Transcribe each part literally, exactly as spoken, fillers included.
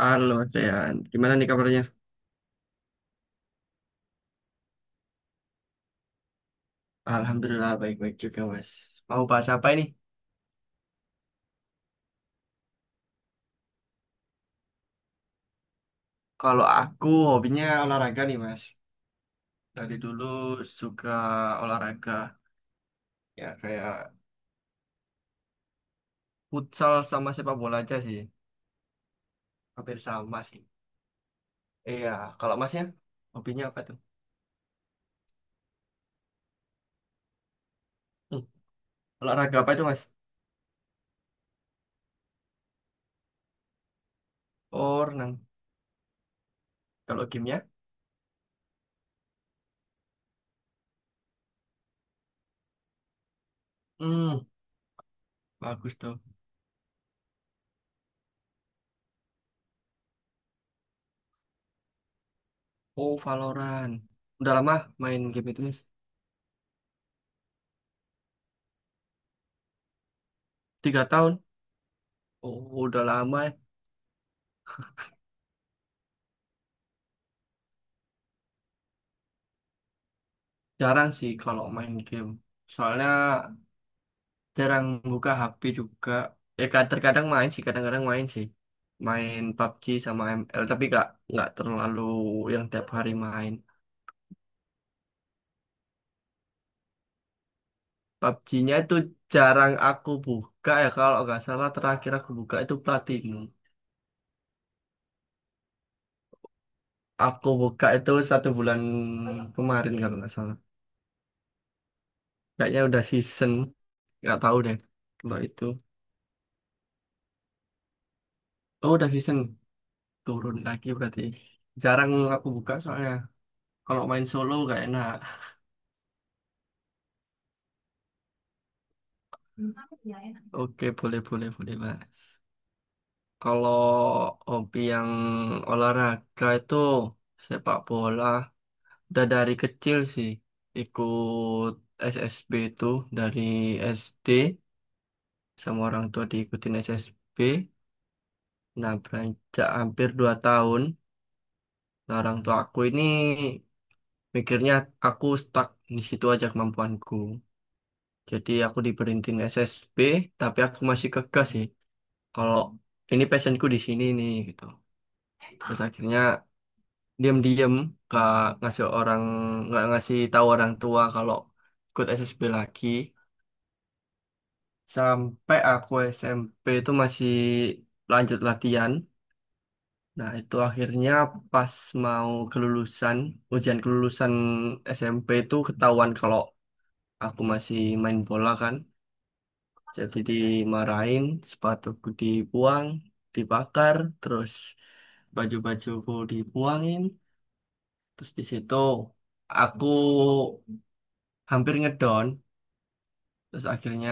Halo, Trehan. Gimana nih kabarnya? Alhamdulillah, baik-baik juga, Mas. Mau bahas apa ini? Kalau aku hobinya olahraga nih, Mas. Dari dulu suka olahraga. Ya, kayak futsal sama sepak bola aja sih. Hampir sama sih. Iya, kalau Masnya hobinya apa tuh? Hmm, olahraga apa itu, Mas? Oh, renang. Kalau gamenya? Hmm, bagus tuh. Oh, Valorant. Udah lama main game itu, Mas? Tiga tahun? Oh, udah lama. Jarang sih kalau main game. Soalnya jarang buka H P juga. Ya kad- terkadang main sih, kadang-kadang main sih. Main P U B G sama M L, tapi gak, nggak terlalu yang tiap hari main. P U B G-nya itu jarang aku buka ya, kalau nggak salah terakhir aku buka itu Platinum. Aku buka itu satu bulan kemarin kalau nggak salah. Kayaknya udah season, nggak tahu deh kalau itu. Oh udah season, turun lagi berarti. Jarang aku buka soalnya. Kalau main solo gak enak. Oke, boleh, boleh, boleh, Mas. Kalau hobi yang olahraga itu sepak bola. Udah dari kecil sih ikut S S B itu dari S D sama orang tua diikutin S S B. Nah, beranjak hampir dua tahun, nah, orang tua aku ini mikirnya aku stuck di situ aja kemampuanku. Jadi aku diberhentiin S S B, tapi aku masih kekeh sih, kalau ini passionku di sini nih gitu. Terus akhirnya diam-diam gak ngasih orang nggak ngasih tahu orang tua kalau ikut S S B lagi sampai aku S M P itu masih lanjut latihan. Nah, itu akhirnya pas mau kelulusan, ujian kelulusan S M P itu ketahuan kalau aku masih main bola kan. Jadi dimarahin, sepatuku dibuang, dibakar, terus baju-bajuku dibuangin. Terus di situ aku hampir ngedon. Terus akhirnya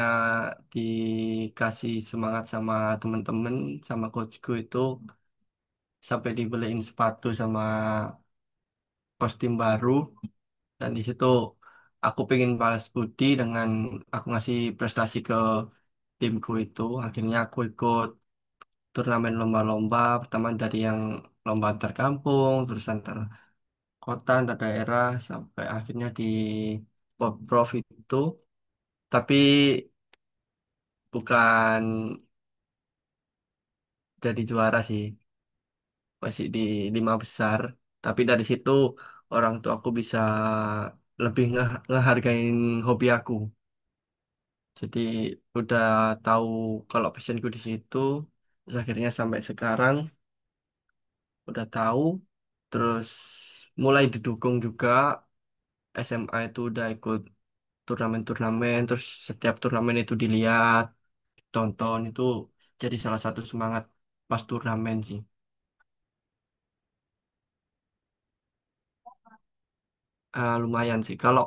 dikasih semangat sama temen-temen, sama coachku itu sampai dibeliin sepatu sama kostum baru. Dan di situ aku pengen balas budi dengan aku ngasih prestasi ke timku itu. Akhirnya aku ikut turnamen lomba-lomba pertama dari yang lomba antar kampung, terus antar kota, antar daerah, sampai akhirnya di Pemprov itu, tapi bukan jadi juara sih, masih di lima besar. Tapi dari situ orang tua aku bisa lebih nge- ngehargain hobi aku. Jadi udah tahu kalau passionku di situ, terus akhirnya sampai sekarang udah tahu, terus mulai didukung juga. S M A itu udah ikut turnamen-turnamen, terus setiap turnamen itu dilihat, tonton itu jadi salah satu semangat pas turnamen sih. Ah, lumayan sih. Kalau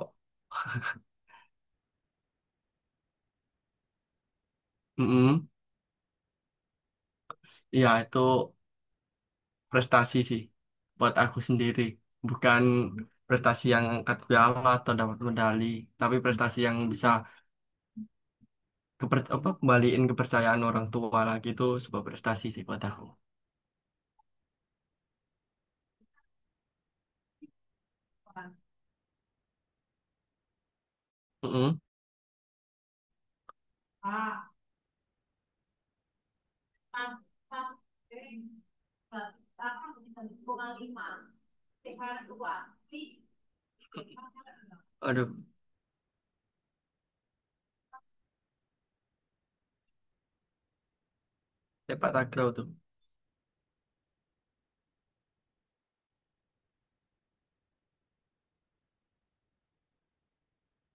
mm ya itu prestasi sih buat aku sendiri, bukan prestasi yang angkat piala atau dapat medali, tapi prestasi yang bisa keper apa kembaliin kepercayaan orang tua lagi. Itu sebuah prestasi sih buat aku. Mm-mm. Aduh, sepak takraw tuh.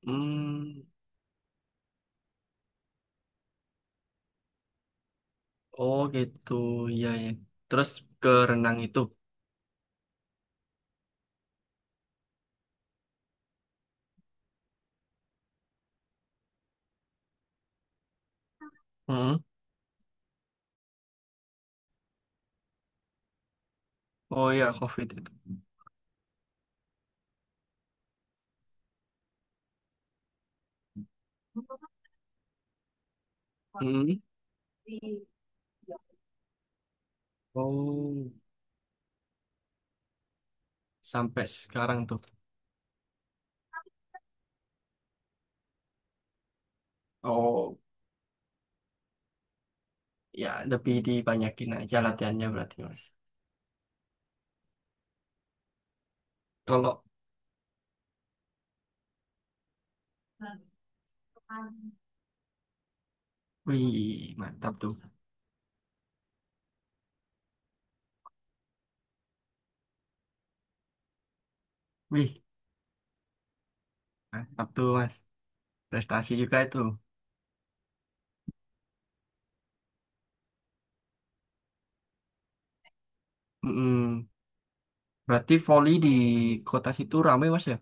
Hmm. Oh gitu, iya ya. Terus ke renang itu. Hmm. Oh iya, COVID itu. Hmm. Oh, sampai sekarang tuh. Oh, ya lebih dibanyakin aja latihannya berarti mas. Kalau, wih, mantap tuh. Wih, mantap tuh mas. Prestasi juga itu. Mm-mm. Berarti voli di kota situ rame mas ya?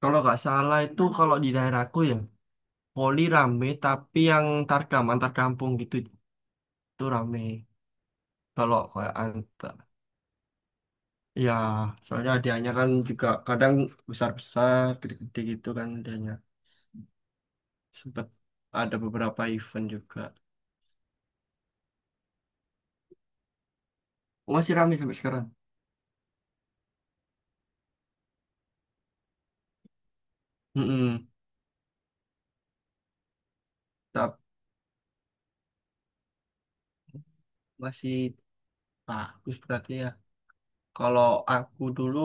Kalau nggak salah itu kalau di daerahku ya, voli rame tapi yang tarkam, antar kampung gitu itu rame. Kalau kayak ant- Iya, soalnya hadiahnya kan juga kadang besar-besar, gede-gede gitu kan hadiahnya. Sempet ada beberapa event juga. Oh, masih ramai sampai sekarang. Mm-mm. Tapi masih bagus berarti ya. Kalau aku dulu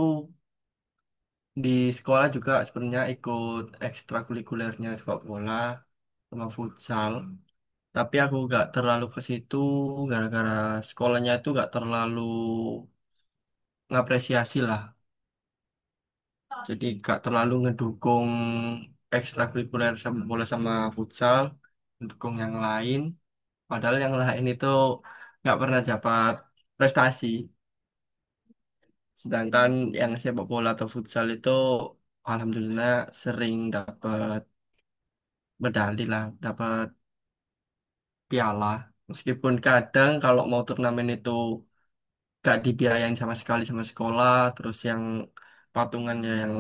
di sekolah juga sebenarnya ikut ekstrakurikulernya sepak bola sama futsal. Tapi aku nggak terlalu ke situ gara-gara sekolahnya itu nggak terlalu ngapresiasi lah. Jadi gak terlalu ngedukung ekstrakurikuler sama bola sama futsal, ngedukung yang lain. Padahal yang lain itu nggak pernah dapat prestasi. Sedangkan yang sepak bola atau futsal itu alhamdulillah sering dapat medali lah, dapat piala. Meskipun kadang kalau mau turnamen itu gak dibiayain sama sekali sama sekolah, terus yang patungan ya yang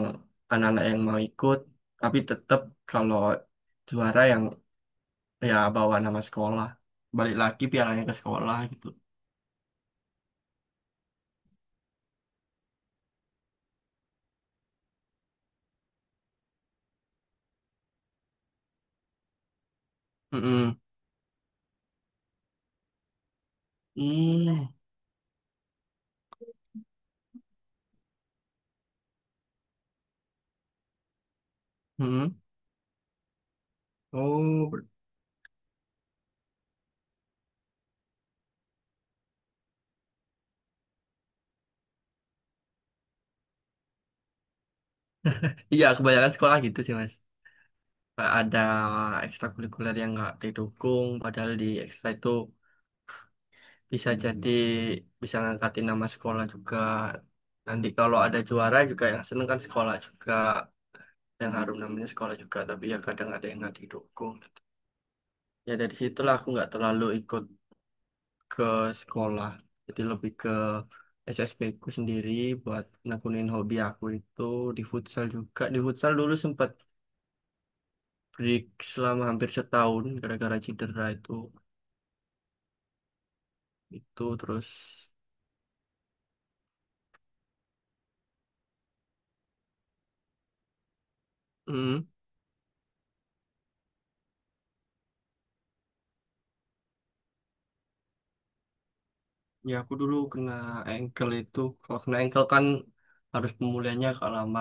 anak-anak yang mau ikut. Tapi tetap kalau juara yang ya bawa nama sekolah, balik lagi pialanya ke sekolah gitu. Mm. Oh, ber- iya kebanyakan sekolah gitu sih mas. Kayak ada ekstrakurikuler yang nggak didukung, padahal di ekstra itu bisa jadi bisa ngangkatin nama sekolah juga. Nanti kalau ada juara juga yang seneng kan sekolah juga, yang harum namanya sekolah juga, tapi ya kadang ada yang nggak didukung gitu. Ya dari situlah aku nggak terlalu ikut ke sekolah, jadi lebih ke S S B ku sendiri buat nekunin hobi aku itu. Di futsal juga, di futsal dulu sempat break selama hampir setahun gara-gara cedera itu. itu terus hmm, ya aku dulu kena ankle itu. Kalau kena ankle kan harus pemulihannya agak lama.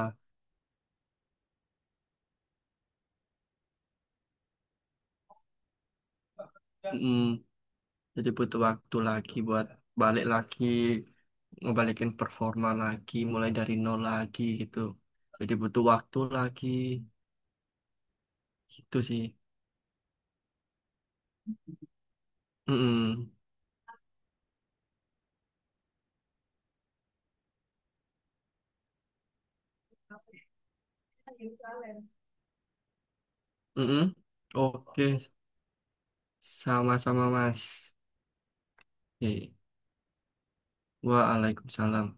Mm, jadi butuh waktu lagi buat balik lagi, ngebalikin performa lagi, mulai dari nol lagi gitu. Jadi butuh waktu lagi gitu sih. Mm-mm. Mm-mm. Oke, sama-sama Mas. Oke, Waalaikumsalam.